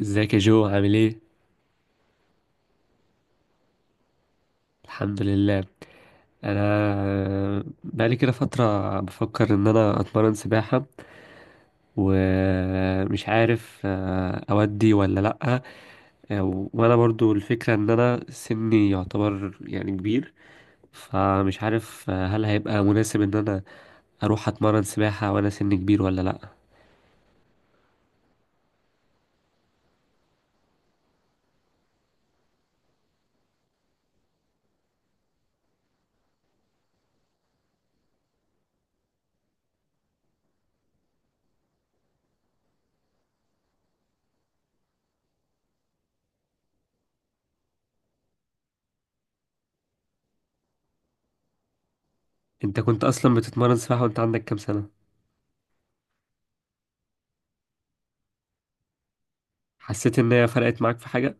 ازيك يا جو؟ عامل ايه؟ الحمد لله. انا بقالي كده فتره بفكر ان انا اتمرن سباحه، ومش عارف اودي ولا لا. آه، وانا برضو الفكره ان انا سني يعتبر يعني كبير، فمش عارف هل هيبقى مناسب ان انا اروح اتمرن سباحه وانا سني كبير ولا لا؟ انت كنت اصلا بتتمرن سباحه وانت عندك كام سنه؟ حسيت ان هي فرقت معاك في حاجه؟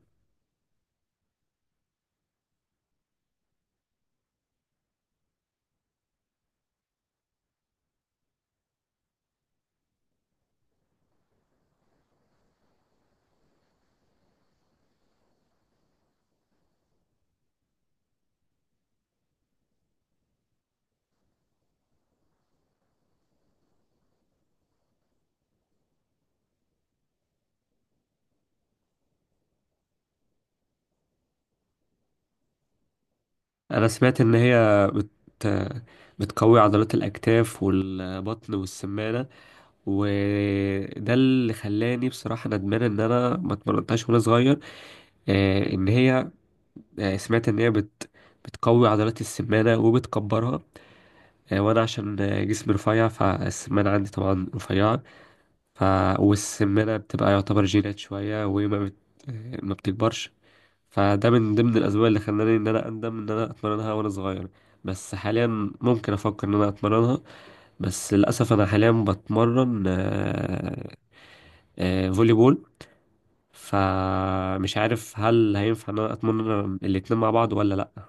انا سمعت ان هي بتقوي عضلات الاكتاف والبطن والسمانه، وده اللي خلاني بصراحه ندمان ان انا ما اتمرنتهاش وانا صغير. آه، ان هي آه، سمعت ان هي بتقوي عضلات السمانه وبتكبرها. وانا عشان جسمي رفيع فالسمانه عندي طبعا رفيعه. ف... والسمانه بتبقى يعتبر جينات شويه وما بت... آه، ما بتكبرش، فده من ضمن الاسباب اللي خلاني ان انا اندم ان انا اتمرنها وانا صغير. بس حاليا ممكن افكر ان انا اتمرنها، بس للاسف انا حاليا بتمرن فولي بول، فمش عارف هل هينفع ان انا اتمرن الاتنين مع بعض ولا لا؟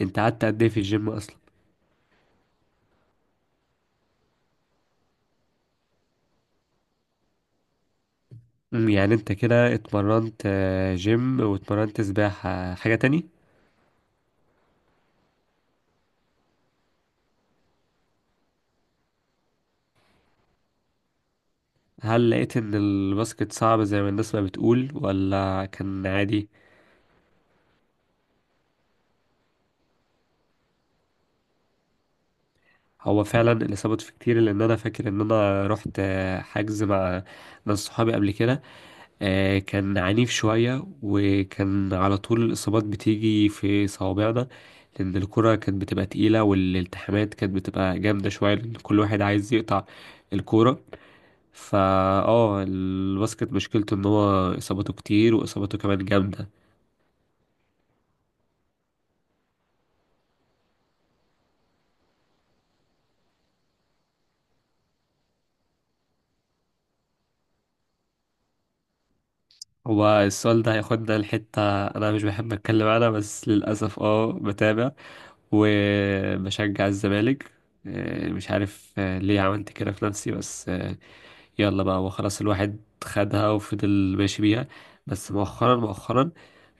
انت قعدت قد ايه في الجيم اصلا؟ يعني انت كده اتمرنت جيم واتمرنت سباحة، حاجة تاني؟ هل لقيت ان الباسكت صعب زي ما الناس ما بتقول ولا كان عادي؟ هو فعلا اللي ثبت في كتير، لان انا فاكر ان انا رحت حجز مع ناس صحابي قبل كده. كان عنيف شوية وكان على طول الاصابات بتيجي في صوابعنا، لان الكرة كانت بتبقى تقيلة والالتحامات كانت بتبقى جامدة شوية لان كل واحد عايز يقطع الكورة. فا اه، الباسكت مشكلته ان هو اصاباته كتير واصاباته كمان جامدة. هو السؤال ده هياخدنا لحتة انا مش بحب اتكلم عنها، بس للاسف اه بتابع وبشجع الزمالك. مش عارف ليه عملت كده في نفسي، بس يلا بقى وخلاص، الواحد خدها وفضل ماشي بيها. بس مؤخرا، مؤخرا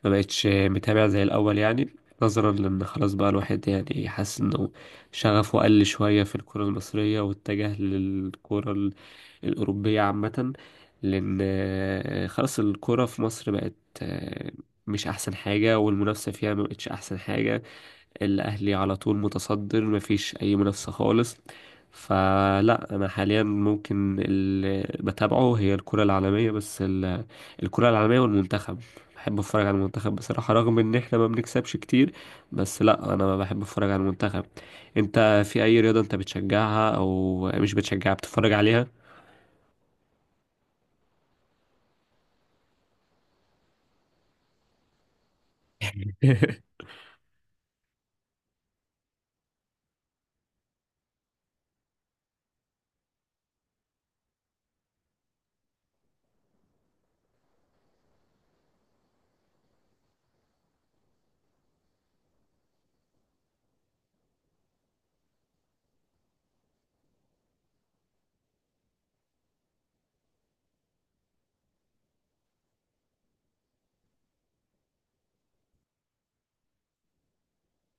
ما بقتش متابع زي الأول، يعني نظرا لأن خلاص بقى الواحد يعني حاسس إنه شغفه قل شوية في الكرة المصرية، واتجه للكرة الأوروبية عامة. لأن خلاص الكرة في مصر بقت آه، مش أحسن حاجة، والمنافسة فيها ما بقتش أحسن حاجة. الأهلي على طول متصدر، مفيش أي منافسة خالص. فلا أنا حاليا ممكن اللي بتابعه هي الكرة العالمية بس، الكرة العالمية والمنتخب. بحب أتفرج على المنتخب بصراحة، رغم إن إحنا ما بنكسبش كتير، بس لا أنا بحب أتفرج على المنتخب. أنت في أي رياضة أنت بتشجعها أو مش بتشجعها بتتفرج عليها؟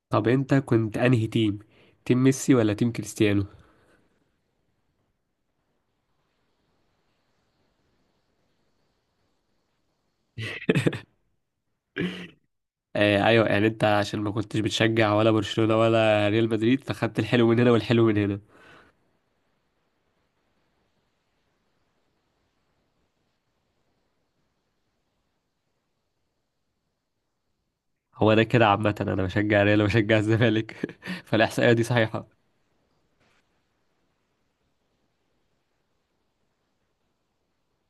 طب أنت كنت أنهي تيم؟ تيم ميسي ولا تيم كريستيانو؟ آه ايوه، يعني انت عشان ما كنتش بتشجع ولا برشلونة ولا ريال مدريد، فخدت الحلو من هنا والحلو من هنا. هو ده كده عامة، انا بشجع ريال وبشجع الزمالك فالاحصائية دي صحيحة.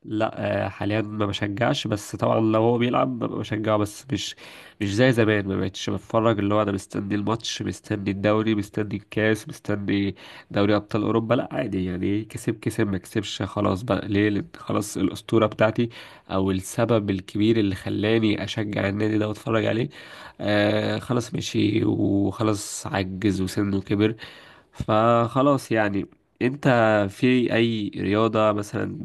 لا حاليا ما بشجعش، بس طبعا لو هو بيلعب ببقى بشجعه، بس مش زي زمان. ما بقتش بتفرج اللي هو انا مستني الماتش، مستني الدوري، مستني الكاس، مستني دوري ابطال اوروبا. لا عادي، يعني كسب كسب، ما كسبش خلاص بقى. ليه؟ لأن خلاص الاسطوره بتاعتي او السبب الكبير اللي خلاني اشجع النادي ده واتفرج عليه، آه خلاص مشي وخلاص عجز وسنه كبر، فخلاص يعني. انت في اي رياضة مثلا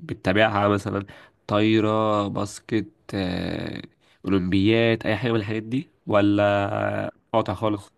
بتتابعها؟ مثلا طايرة، باسكت، آه، اولمبيات، اي حاجة من الحاجات دي ولا قاطع خالص؟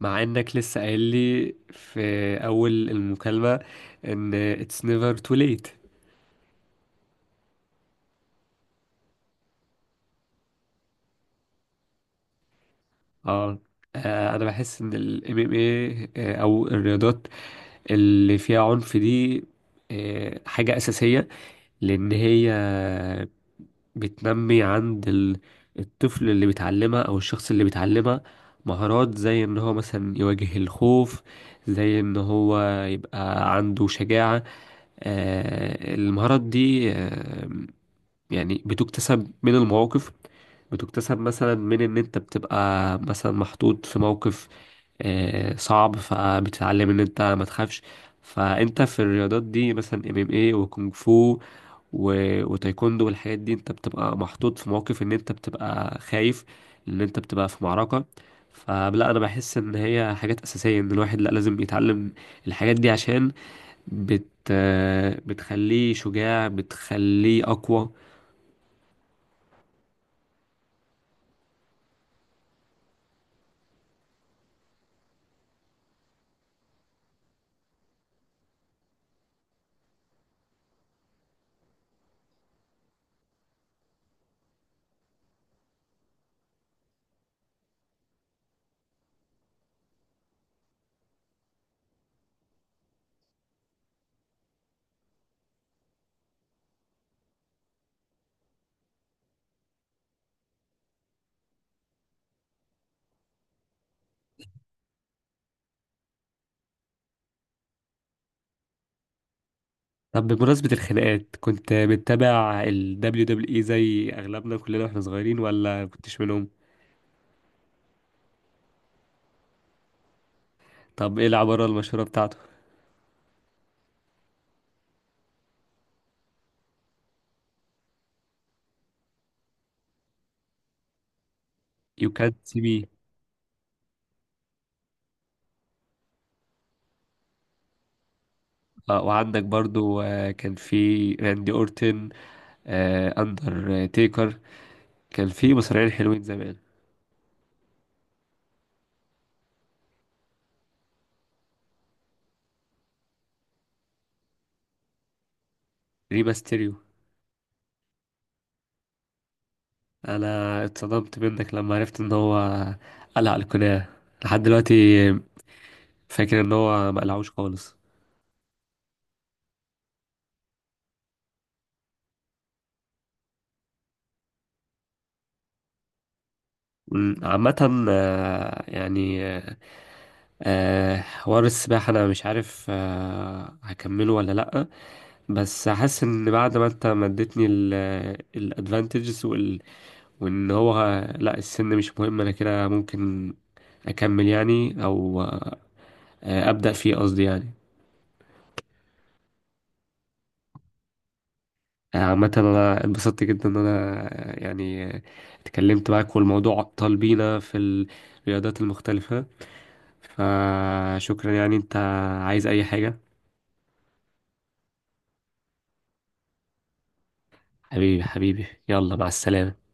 مع انك لسه قايل لي في اول المكالمة ان it's never too late. اه، انا بحس ان ال MMA او الرياضات اللي فيها عنف دي حاجة اساسية، لان هي بتنمي عند الطفل اللي بيتعلمها او الشخص اللي بيتعلمها مهارات زي ان هو مثلا يواجه الخوف، زي ان هو يبقى عنده شجاعة. المهارات دي يعني بتكتسب من المواقف، بتكتسب مثلا من ان انت بتبقى مثلا محطوط في موقف صعب، فبتتعلم ان انت ما تخافش. فانت في الرياضات دي مثلا ام ام اي وكونغ فو وتايكوندو والحاجات دي، انت بتبقى محطوط في مواقف ان انت بتبقى خايف، ان انت بتبقى في معركة. فلا انا بحس ان هي حاجات اساسية ان الواحد لا لازم يتعلم الحاجات دي، عشان بت بتخليه شجاع، بتخليه اقوى. طب بمناسبة الخناقات، كنت بتتابع ال WWE زي اغلبنا كلنا واحنا صغيرين ولا كنتش منهم؟ طب ايه العبارة المشهورة بتاعته؟ You can't see me. وعندك برضو كان في راندي اورتن، أندر تيكر، كان في مصارعين حلوين زمان. ريما ستيريو. أنا اتصدمت منك لما عرفت إن هو قلع القناع، لحد دلوقتي فاكر إن هو ما قلعوش خالص. عامة حوار السباحة أنا مش عارف هكمله ولا لأ، بس حاسس إن بعد ما أنت مدتني الادفانتجز وان هو لا السن مش مهم، انا كده ممكن اكمل يعني او ابدا فيه قصدي يعني. عامة أنا اتبسطت جدا إن أنا آه، يعني آه، اتكلمت معاك والموضوع أطال بينا في الرياضات المختلفة، فشكرا يعني. أنت عايز أي حاجة؟ حبيبي، حبيبي، يلا مع السلامة.